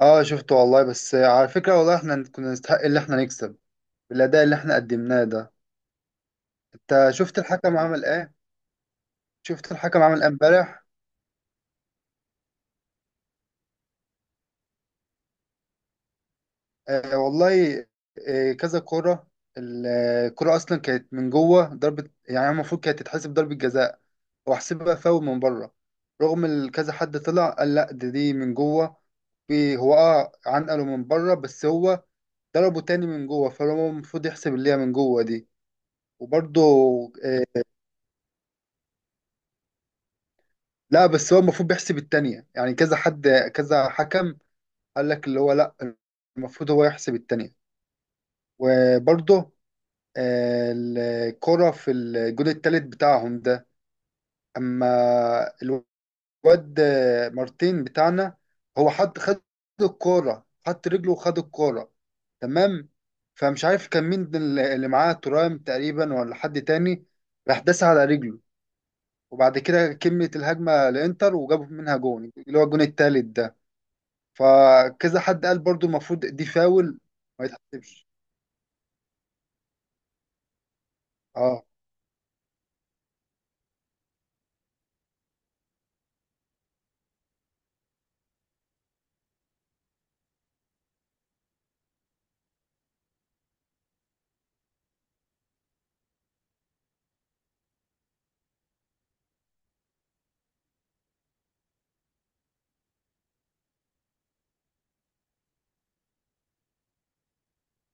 اه شفته والله. بس على فكرة والله احنا كنا نستحق اللي احنا نكسب بالأداء اللي احنا قدمناه ده. انت شفت الحكم عمل ايه؟ شفت الحكم عمل ايه امبارح؟ آه والله. آه كذا كرة. ال- الكرة اصلا كانت من جوه ضربة، يعني المفروض كانت تتحسب ضربة جزاء واحسبها فاول من بره. رغم كذا حد طلع قال لا، دي من جوه. في هو عنقله من بره، بس هو ضربه تاني من جوه، فهو المفروض يحسب اللي هي من جوه دي. وبرضه لا، بس هو المفروض بيحسب التانية. يعني كذا حد، كذا حكم قال لك اللي هو لا، المفروض هو يحسب التانية. وبرضه آه، الكرة في الجون التالت بتاعهم ده. أما الواد آه، مارتين بتاعنا، هو خد الكرة، حط رجله وخد الكرة. تمام. فمش عارف كان مين اللي معاه، ترام تقريبا ولا حد تاني، راح داس على رجله. وبعد كده كملت الهجمة لإنتر وجابوا منها جون اللي هو الجون التالت ده. فكذا حد قال برضو المفروض دي فاول، ما يتحسبش. اه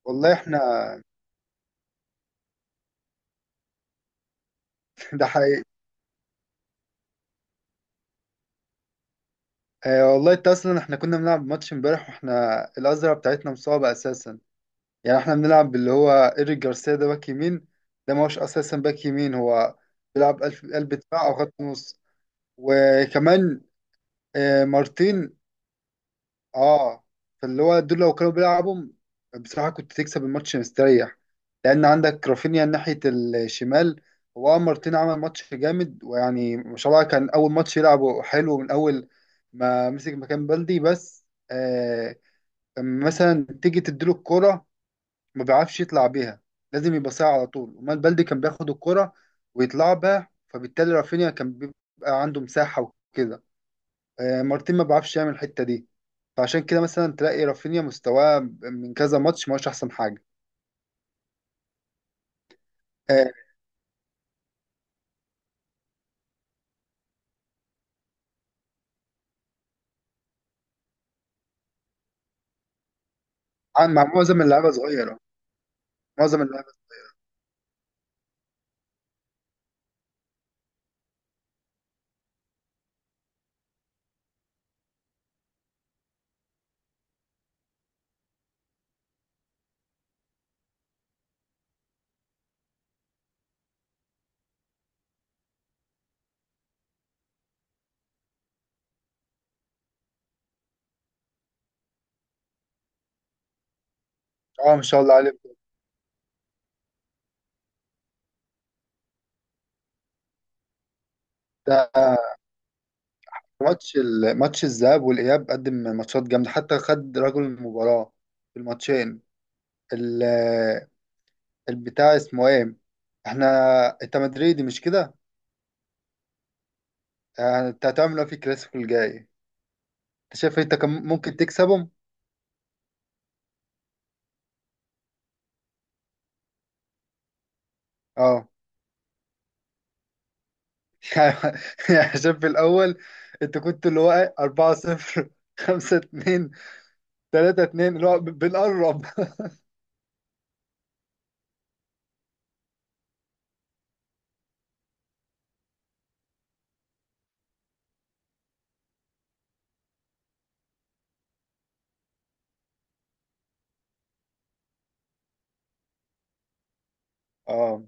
والله احنا ده حقيقي. آه والله، انت اصلا احنا كنا بنلعب ماتش امبارح واحنا الازرع بتاعتنا مصابه اساسا. يعني احنا بنلعب باللي هو ايريك جارسيا ده باك يمين، ده ما هوش اساسا باك يمين، هو بيلعب قلب دفاع او خط نص. وكمان آه مارتين. اه، فاللي هو دول لو كانوا بيلعبوا، بصراحة كنت تكسب الماتش مستريح، لأن عندك رافينيا ناحية الشمال. هو مارتين عمل ماتش جامد، ويعني ما شاء الله كان أول ماتش يلعبه حلو. من أول ما مسك مكان بلدي، بس آه لما مثلا تيجي تديله الكرة، ما بيعرفش يطلع بيها، لازم يبقى ساعة على طول. أمال بلدي كان بياخد الكرة ويطلع بها، فبالتالي رافينيا كان بيبقى عنده مساحة وكده. آه، مارتين ما بيعرفش يعمل الحته دي، فعشان كده مثلا تلاقي رافينيا مستواه من كذا ماتش ما هوش احسن حاجه. آه، مع معظم اللعيبه صغيره، معظم اللعيبه. اه ما شاء الله عليه. ده ماتش الذهاب والاياب، قدم ماتشات جامده، حتى خد رجل المباراه في الماتشين. ال- البتاع اسمه ايه؟ احنا، انت مدريدي مش كده؟ آه، انت هتعمل ايه في الكلاسيكو الجاي؟ انت شايف انت كم ممكن تكسبهم؟ اه يعني عشان في الأول أنت كنت اللي هو إيه، 4 0، 5 2، 3 2 اللي هو بنقرب. اه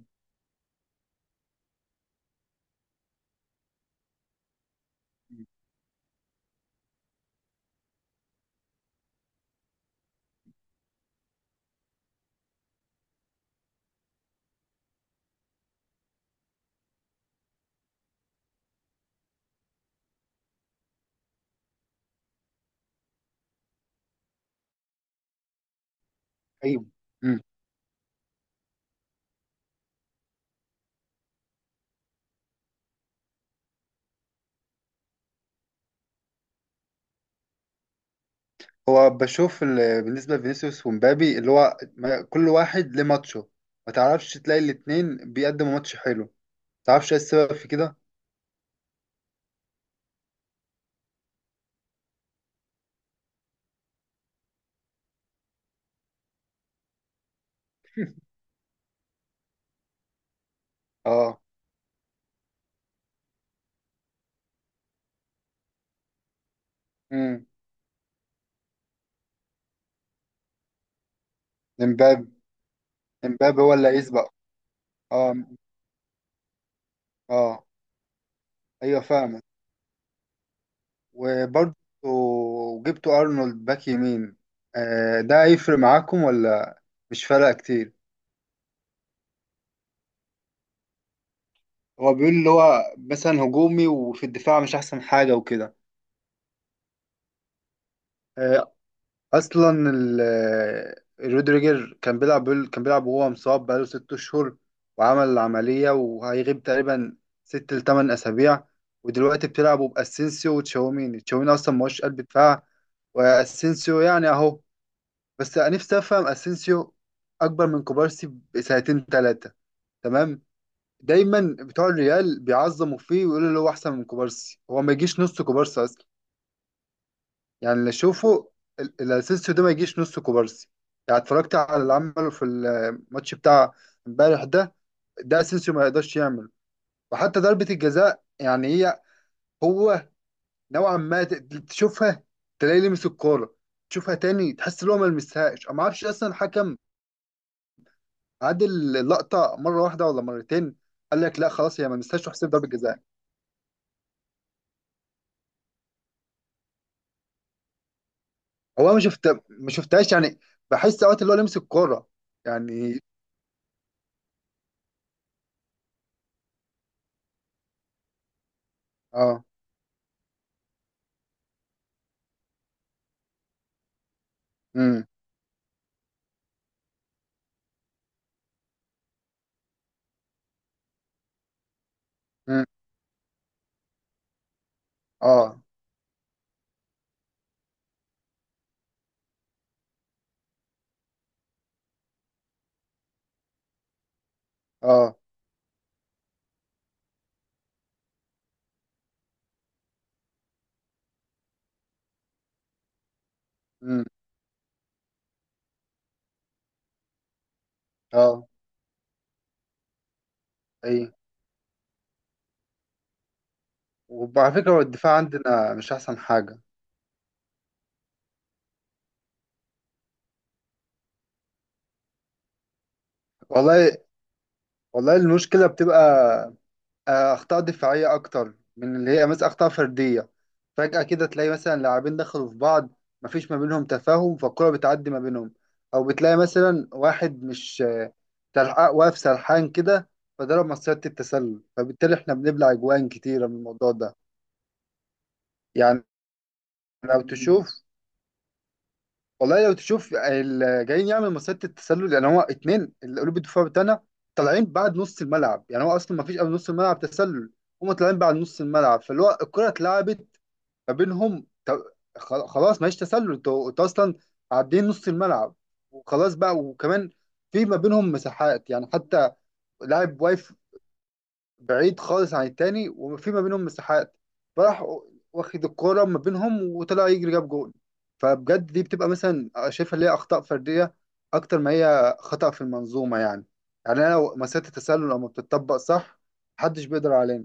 ايوه. مم. هو بشوف بالنسبه لفينيسيوس ومبابي اللي هو كل واحد ليه ماتشه، ما تعرفش تلاقي الاتنين بيقدموا ماتش حلو، ما تعرفش ايه السبب في كده. اه. امم امبابي. امبابي هو اللي هيسبق. اه اه ايوه فاهم. وبرضه جبتوا ارنولد باك يمين، آه، ده هيفرق معاكم ولا مش فارقه كتير؟ هو بيقول اللي هو مثلا هجومي وفي الدفاع مش احسن حاجه وكده. آه، اصلا رودريجر كان بيلعب، كان بيلعب وهو مصاب بقاله ست اشهر، وعمل عمليه وهيغيب تقريبا ست لتمن اسابيع. ودلوقتي بتلعبوا باسينسيو وتشاوميني. تشاوميني اصلا ما هوش قلب دفاع، واسينسيو يعني اهو. بس أنا نفسي افهم اسينسيو اكبر من كوبارسي بسنتين ثلاثه، تمام؟ دايما بتوع الريال بيعظموا فيه ويقولوا اللي هو احسن من كوبارسي، هو ما يجيش نص كوبارسي اصلا. يعني اللي اشوفه، الاسينسيو ده ما يجيش نص كوبارسي. يعني اتفرجت على اللي عمله في الماتش بتاع امبارح ده، ده اسينسيو ما يقدرش يعمله. وحتى ضربه الجزاء يعني هي، هو نوعا ما تشوفها تلاقيه لمس الكوره، تشوفها تاني تحس ان هو ما لمسهاش. أنا ما اعرفش اصلا الحكم عاد اللقطه مره واحده ولا مرتين. قال لك لا خلاص هي ما لمستهاش، تحسب ضربه جزاء. هو أنا ما شفتهاش يعني، بحس اوقات اللي هو لمس الكوره يعني. اه، امم امم اه اه امم اه اي. وعلى فكره هو الدفاع عندنا مش احسن حاجه والله. والله المشكله بتبقى آه، اخطاء دفاعيه اكتر من اللي هي مثلا اخطاء فرديه. فجاه كده تلاقي مثلا لاعبين دخلوا في بعض، مفيش ما بينهم تفاهم، فالكره بتعدي ما بينهم. او بتلاقي مثلا واحد مش آه، سلحق، واقف سرحان كده، فضرب مصيدة التسلل، فبالتالي احنا بنبلع اجوان كتيره من الموضوع ده. يعني لو تشوف، والله لو تشوف اللي جايين يعمل مصيدة التسلل، يعني هو اتنين اللي قلوب الدفاع بتاعنا طالعين بعد نص الملعب، يعني هو اصلا مفيش قبل نص الملعب تسلل، هما طالعين بعد نص الملعب، فاللي هو الكرة اتلعبت ما بينهم. خلاص مفيش تسلل. انتوا اصلا عدين نص الملعب وخلاص بقى. وكمان في ما بينهم مساحات، يعني حتى لاعب واقف بعيد خالص عن التاني وفي ما بينهم مساحات، فراح واخد الكرة ما بينهم وطلع يجري جاب جول. فبجد دي بتبقى مثلا شايفها اللي هي أخطاء فردية أكتر ما هي خطأ في المنظومة يعني. يعني أنا لو مسألة التسلل لو ما بتطبق صح، محدش بيقدر علينا.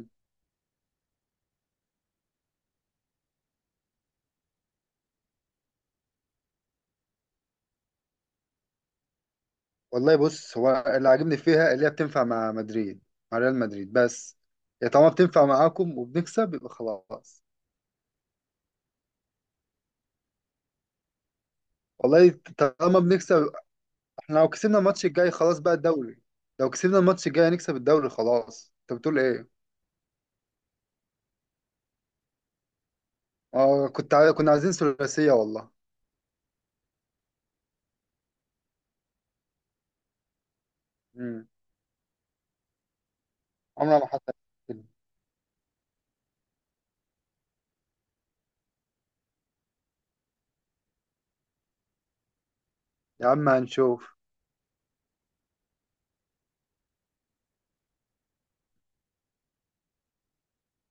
والله بص، هو اللي عاجبني فيها اللي هي بتنفع مع مدريد، مع ريال مدريد بس. يا طالما بتنفع معاكم وبنكسب يبقى خلاص. والله طالما بنكسب، احنا لو كسبنا الماتش الجاي خلاص بقى الدوري. لو كسبنا الماتش الجاي هنكسب الدوري خلاص، انت بتقول ايه؟ اه كنا عايزين ثلاثية والله. امم، عمرها ما حصلت كده. يا عم هنشوف.